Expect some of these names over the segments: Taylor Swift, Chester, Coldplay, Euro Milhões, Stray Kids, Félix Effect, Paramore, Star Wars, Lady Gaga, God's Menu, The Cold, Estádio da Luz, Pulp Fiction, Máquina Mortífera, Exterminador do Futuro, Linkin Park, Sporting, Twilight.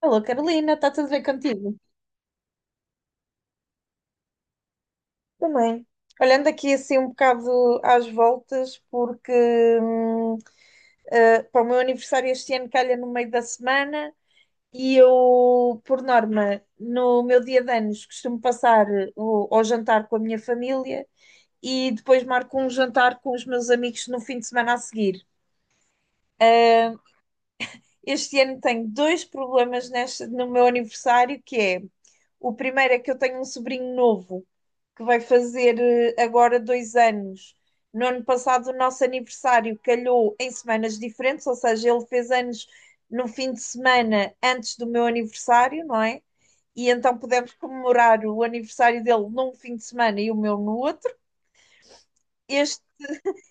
Alô, Carolina, está tudo bem contigo? Também. Olhando aqui assim um bocado às voltas, porque hum, para o meu aniversário este ano calha no meio da semana e eu, por norma, no meu dia de anos costumo passar ao jantar com a minha família e depois marco um jantar com os meus amigos no fim de semana a seguir. Este ano tenho dois problemas no meu aniversário, que é o primeiro é que eu tenho um sobrinho novo que vai fazer agora 2 anos. No ano passado, o nosso aniversário calhou em semanas diferentes, ou seja, ele fez anos no fim de semana antes do meu aniversário, não é? E então pudemos comemorar o aniversário dele num fim de semana e o meu no outro. Este,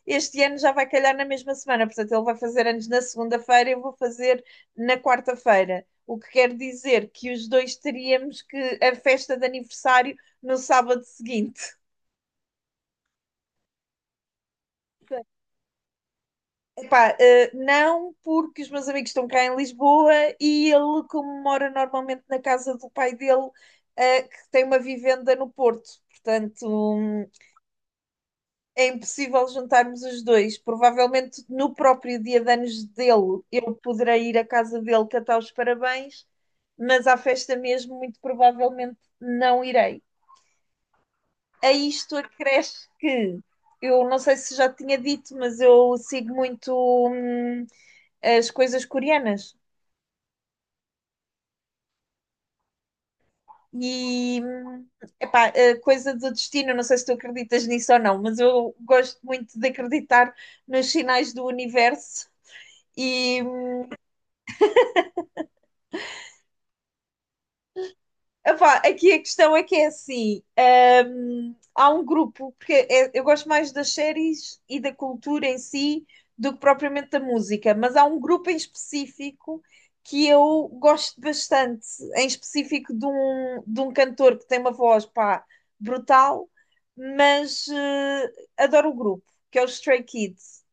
este ano já vai calhar na mesma semana, portanto, ele vai fazer anos na segunda-feira e eu vou fazer na quarta-feira. O que quer dizer que os dois teríamos que a festa de aniversário no sábado seguinte. Epá, não porque os meus amigos estão cá em Lisboa e ele, como mora normalmente na casa do pai dele, que tem uma vivenda no Porto. Portanto, hum, é impossível juntarmos os dois. Provavelmente no próprio dia de anos dele, eu poderei ir à casa dele cantar os parabéns, mas à festa mesmo, muito provavelmente não irei. A isto acresce que eu não sei se já tinha dito, mas eu sigo muito hum, as coisas coreanas. E epá, a coisa do destino, não sei se tu acreditas nisso ou não, mas eu gosto muito de acreditar nos sinais do universo e, epá, aqui a questão é que é assim: há um grupo, porque eu gosto mais das séries e da cultura em si do que propriamente da música, mas há um grupo em específico que eu gosto bastante, em específico de um cantor que tem uma voz, pá, brutal, mas adoro o grupo, que é o Stray Kids.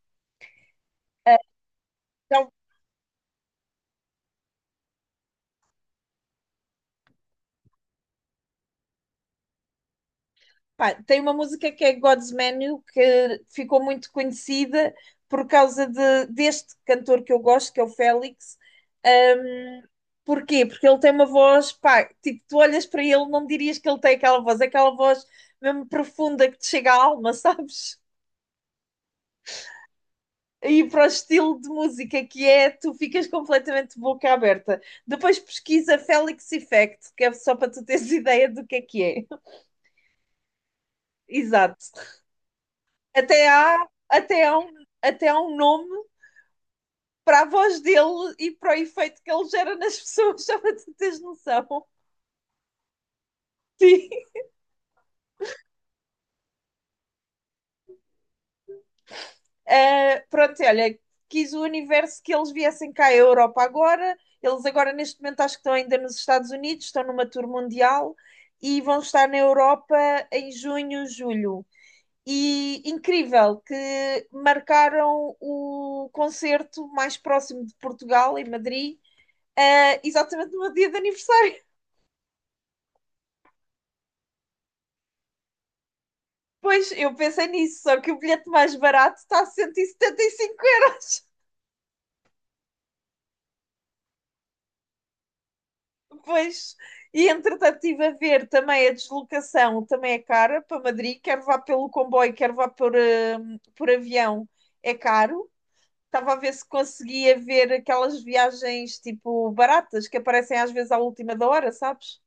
Pá, tem uma música que é God's Menu que ficou muito conhecida por causa deste cantor que eu gosto, que é o Félix. Ahm, Porquê? Porque ele tem uma voz, pá, tipo, tu olhas para ele, não dirias que ele tem aquela voz, é aquela voz mesmo profunda que te chega à alma, sabes? E para o estilo de música que é, tu ficas completamente de boca aberta. Depois pesquisa Félix Effect, que é só para tu teres ideia do que é que é. Exato. Até há, até há, um, até há um nome para a voz dele e para o efeito que ele gera nas pessoas, só para tu teres noção. Sim. Pronto, olha, quis o universo que eles viessem cá à Europa agora. Eles agora, neste momento, acho que estão ainda nos Estados Unidos, estão numa tour mundial e vão estar na Europa em junho, julho. E incrível que marcaram o concerto mais próximo de Portugal, em Madrid, exatamente no meu dia de aniversário. Pois, eu pensei nisso, só que o bilhete mais barato está a cento e setenta e cinco euros. Pois, e entretanto estive a ver também a deslocação, também é cara para Madrid, quer vá pelo comboio, quer vá por avião, é caro. Estava a ver se conseguia ver aquelas viagens tipo baratas que aparecem às vezes à última da hora, sabes?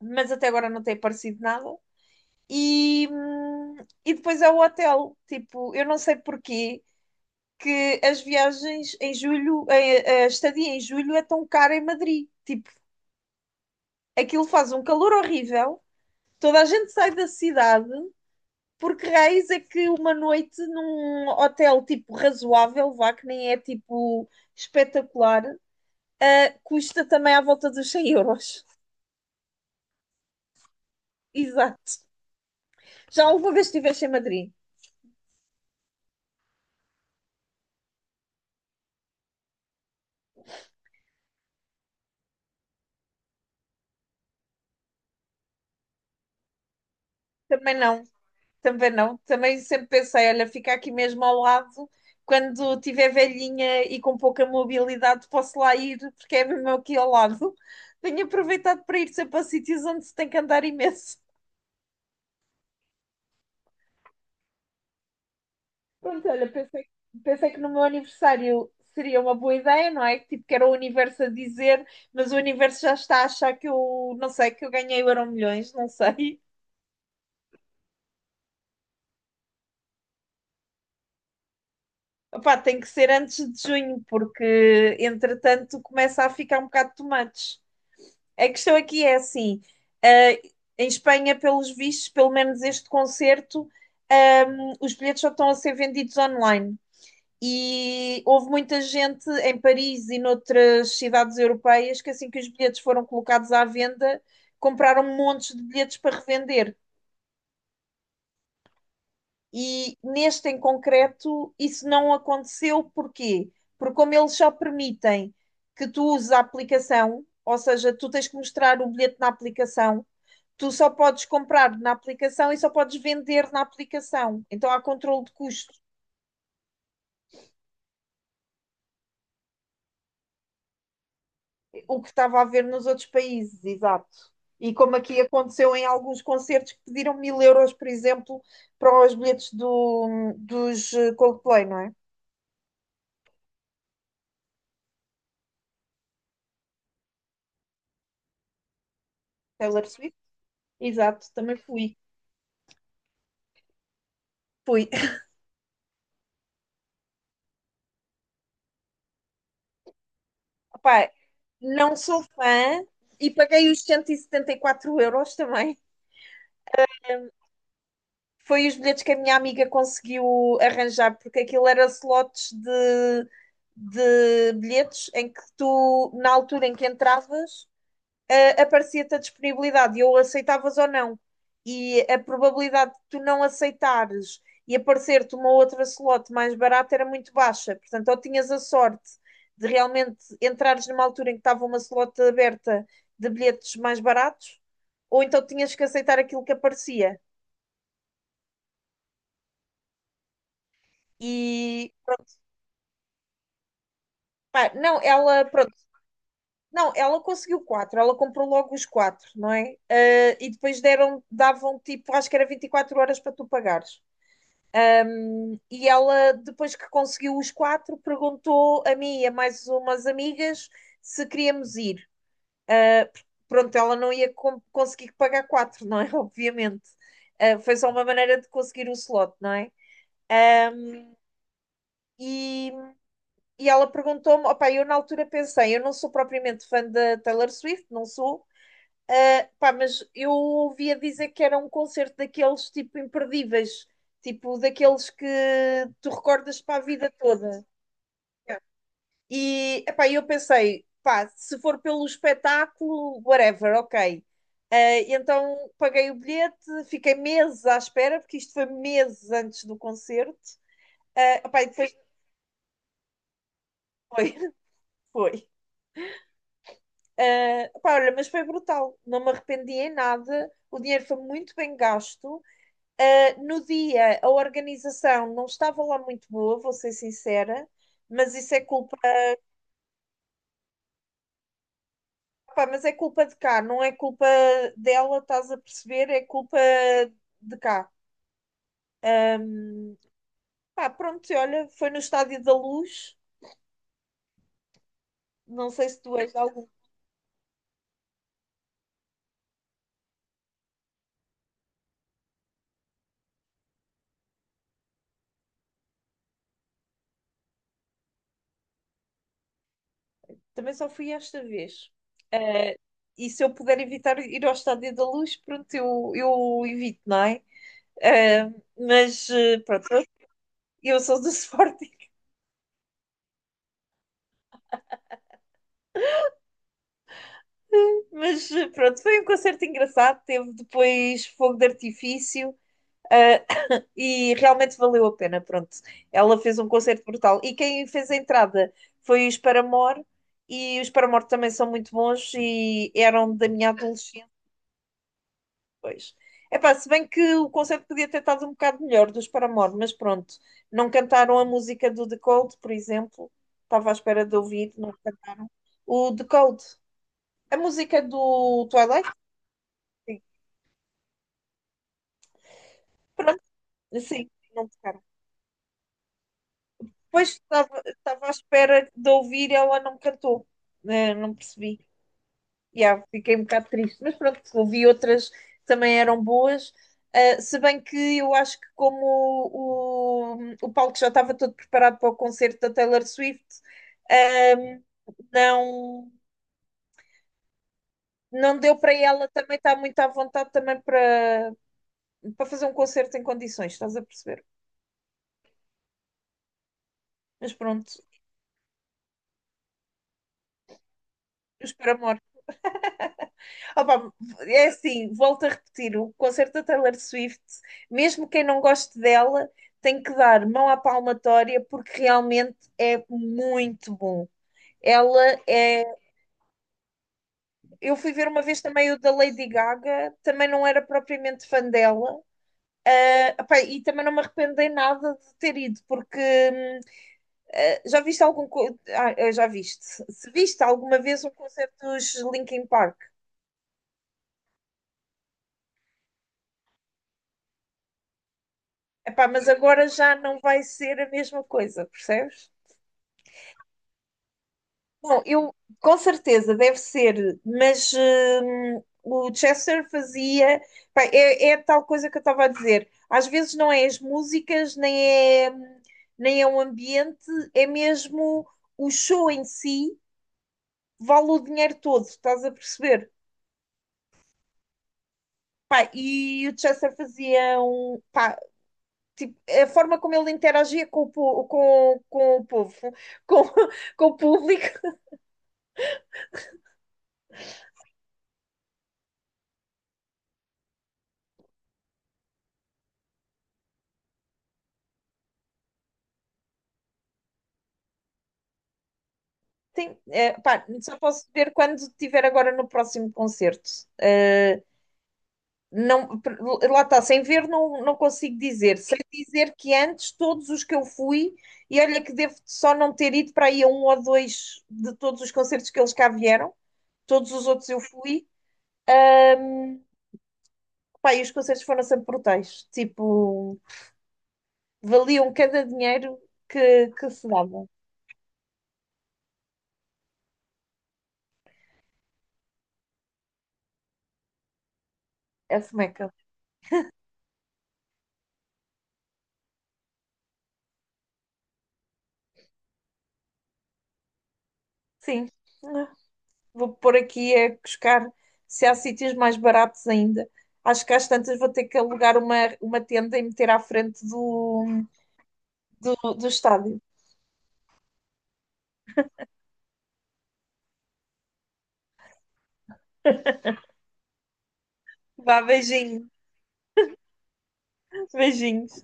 Mas até agora não tem aparecido nada. E, hum, e depois é o hotel, tipo, eu não sei porquê, que as viagens em julho, a estadia em julho é tão cara em Madrid. Tipo, aquilo faz um calor horrível, toda a gente sai da cidade, porque raiz é que uma noite num hotel tipo razoável, vá, que nem é tipo espetacular, custa também à volta dos 100 euros. Exato. Já alguma vez estiveste em Madrid? Também não. Também não. Também sempre pensei, olha, fica aqui mesmo ao lado. Quando tiver velhinha e com pouca mobilidade, posso lá ir, porque é mesmo aqui ao lado. Tenho aproveitado para ir sempre a sítios onde se tem que andar imenso. Pronto, olha, pensei, pensei que no meu aniversário seria uma boa ideia, não é? Tipo, que era o universo a dizer, mas o universo já está a achar que eu, não sei, que eu ganhei o Euro Milhões, não sei. Opá, tem que ser antes de junho, porque entretanto começa a ficar um bocado de tomates. A questão aqui é assim: eh, em Espanha, pelos vistos, pelo menos este concerto, os bilhetes só estão a ser vendidos online. E houve muita gente em Paris e noutras cidades europeias que, assim que os bilhetes foram colocados à venda, compraram montes de bilhetes para revender. E neste em concreto, isso não aconteceu. Porquê? Porque, como eles só permitem que tu uses a aplicação, ou seja, tu tens que mostrar o bilhete na aplicação, tu só podes comprar na aplicação e só podes vender na aplicação. Então há controle de custo, o que estava a haver nos outros países, exato. E como aqui aconteceu em alguns concertos que pediram mil euros, por exemplo, para os bilhetes dos Coldplay, não é? Taylor Swift? Exato, também fui. Fui. Epá, não sou fã e paguei os 174 € também. Foi os bilhetes que a minha amiga conseguiu arranjar, porque aquilo era slots de bilhetes em que tu, na altura em que entravas, aparecia-te a disponibilidade e ou aceitavas ou não. E a probabilidade de tu não aceitares e aparecer-te uma outra slot mais barata era muito baixa. Portanto, ou tinhas a sorte de realmente entrares numa altura em que estava uma slot aberta de bilhetes mais baratos, ou então tinhas que aceitar aquilo que aparecia. E pá, não, ela, pronto, não, ela conseguiu quatro, ela comprou logo os quatro, não é? Ah, e depois davam tipo, acho que era 24 horas para tu pagares. E ela, depois que conseguiu os quatro, perguntou a mim e a mais umas amigas se queríamos ir. Pronto, ela não ia conseguir pagar quatro, não é? Obviamente. Ah, foi só uma maneira de conseguir o slot, não é? E, e ela perguntou-me, opá, eu na altura pensei, eu não sou propriamente fã da Taylor Swift, não sou. Ah, pá, mas eu ouvia dizer que era um concerto daqueles tipo imperdíveis, tipo daqueles que tu recordas para a vida toda. E epá, eu pensei, pá, se for pelo espetáculo, whatever, ok. E então paguei o bilhete, fiquei meses à espera, porque isto foi meses antes do concerto. Epá, e depois foi, foi. Epá, olha, mas foi brutal, não me arrependi em nada, o dinheiro foi muito bem gasto. No dia, a organização não estava lá muito boa, vou ser sincera, mas isso é culpa, pá, mas é culpa de cá, não é culpa dela, estás a perceber? É culpa de cá. Um, Pá, pronto, e olha, foi no Estádio da Luz, não sei se tu és de algum, também só fui esta vez. Uh, e se eu puder evitar ir ao Estádio da Luz, pronto, eu evito, não é? Uh, mas pronto, eu sou do Sporting. Mas pronto, foi um concerto engraçado. Teve depois fogo de artifício, ah, e realmente valeu a pena. Pronto, ela fez um concerto brutal. E quem fez a entrada foi os Paramore, e os Paramore também são muito bons e eram da minha adolescência. Pois. Epá, se bem que o concerto podia ter estado um bocado melhor dos Paramore, mas pronto, não cantaram a música do The Cold, por exemplo. Estava à espera de ouvir. Não can- O The Cold, a música do Twilight. Sim. Sim, não tocaram. Pois estava à espera de ouvir e ela não cantou. Não percebi. Yeah, fiquei um bocado triste. Mas pronto, ouvi outras que também eram boas. Se bem que eu acho que como o palco já estava todo preparado para o concerto da Taylor Swift, ehm, não, não, deu para ela também estar muito à vontade também para fazer um concerto em condições, estás a perceber? Mas pronto, os Paramore. Opa, é assim, volto a repetir, o concerto da Taylor Swift, mesmo quem não goste dela, tem que dar mão à palmatória porque realmente é muito bom. Ela é. Eu fui ver uma vez também o da Lady Gaga, também não era propriamente fã dela. Epá, e também não me arrependo em nada de ter ido, porque ah, já viste algum. Já viste. Se viste alguma vez um concerto dos Linkin Park? Epá, mas agora já não vai ser a mesma coisa, percebes? Bom, eu com certeza deve ser, mas o Chester fazia. Pá, é tal coisa que eu estava a dizer. Às vezes não é as músicas, é, hum, nem é o ambiente, é mesmo o show em si, vale o dinheiro todo, estás a perceber? Pá, e o Chester fazia um. Pá, tipo, a forma como ele interagia com com o povo, com, com o público. Sim, é, pá, só posso ver quando estiver agora no próximo concerto. Uh, não, lá está, sem ver não, não consigo dizer. Sei dizer que antes todos os que eu fui, e olha que devo só não ter ido para aí a um ou dois de todos os concertos que eles cá vieram, todos os outros eu fui, pá, e os concertos foram sempre brutais. Tipo, valiam cada dinheiro que se dava. É semeca. Sim. Vou pôr aqui a buscar se há sítios mais baratos ainda. Acho que às tantas vou ter que alugar uma tenda e meter à frente do, do, do estádio. Vá, beijinho. Beijinhos.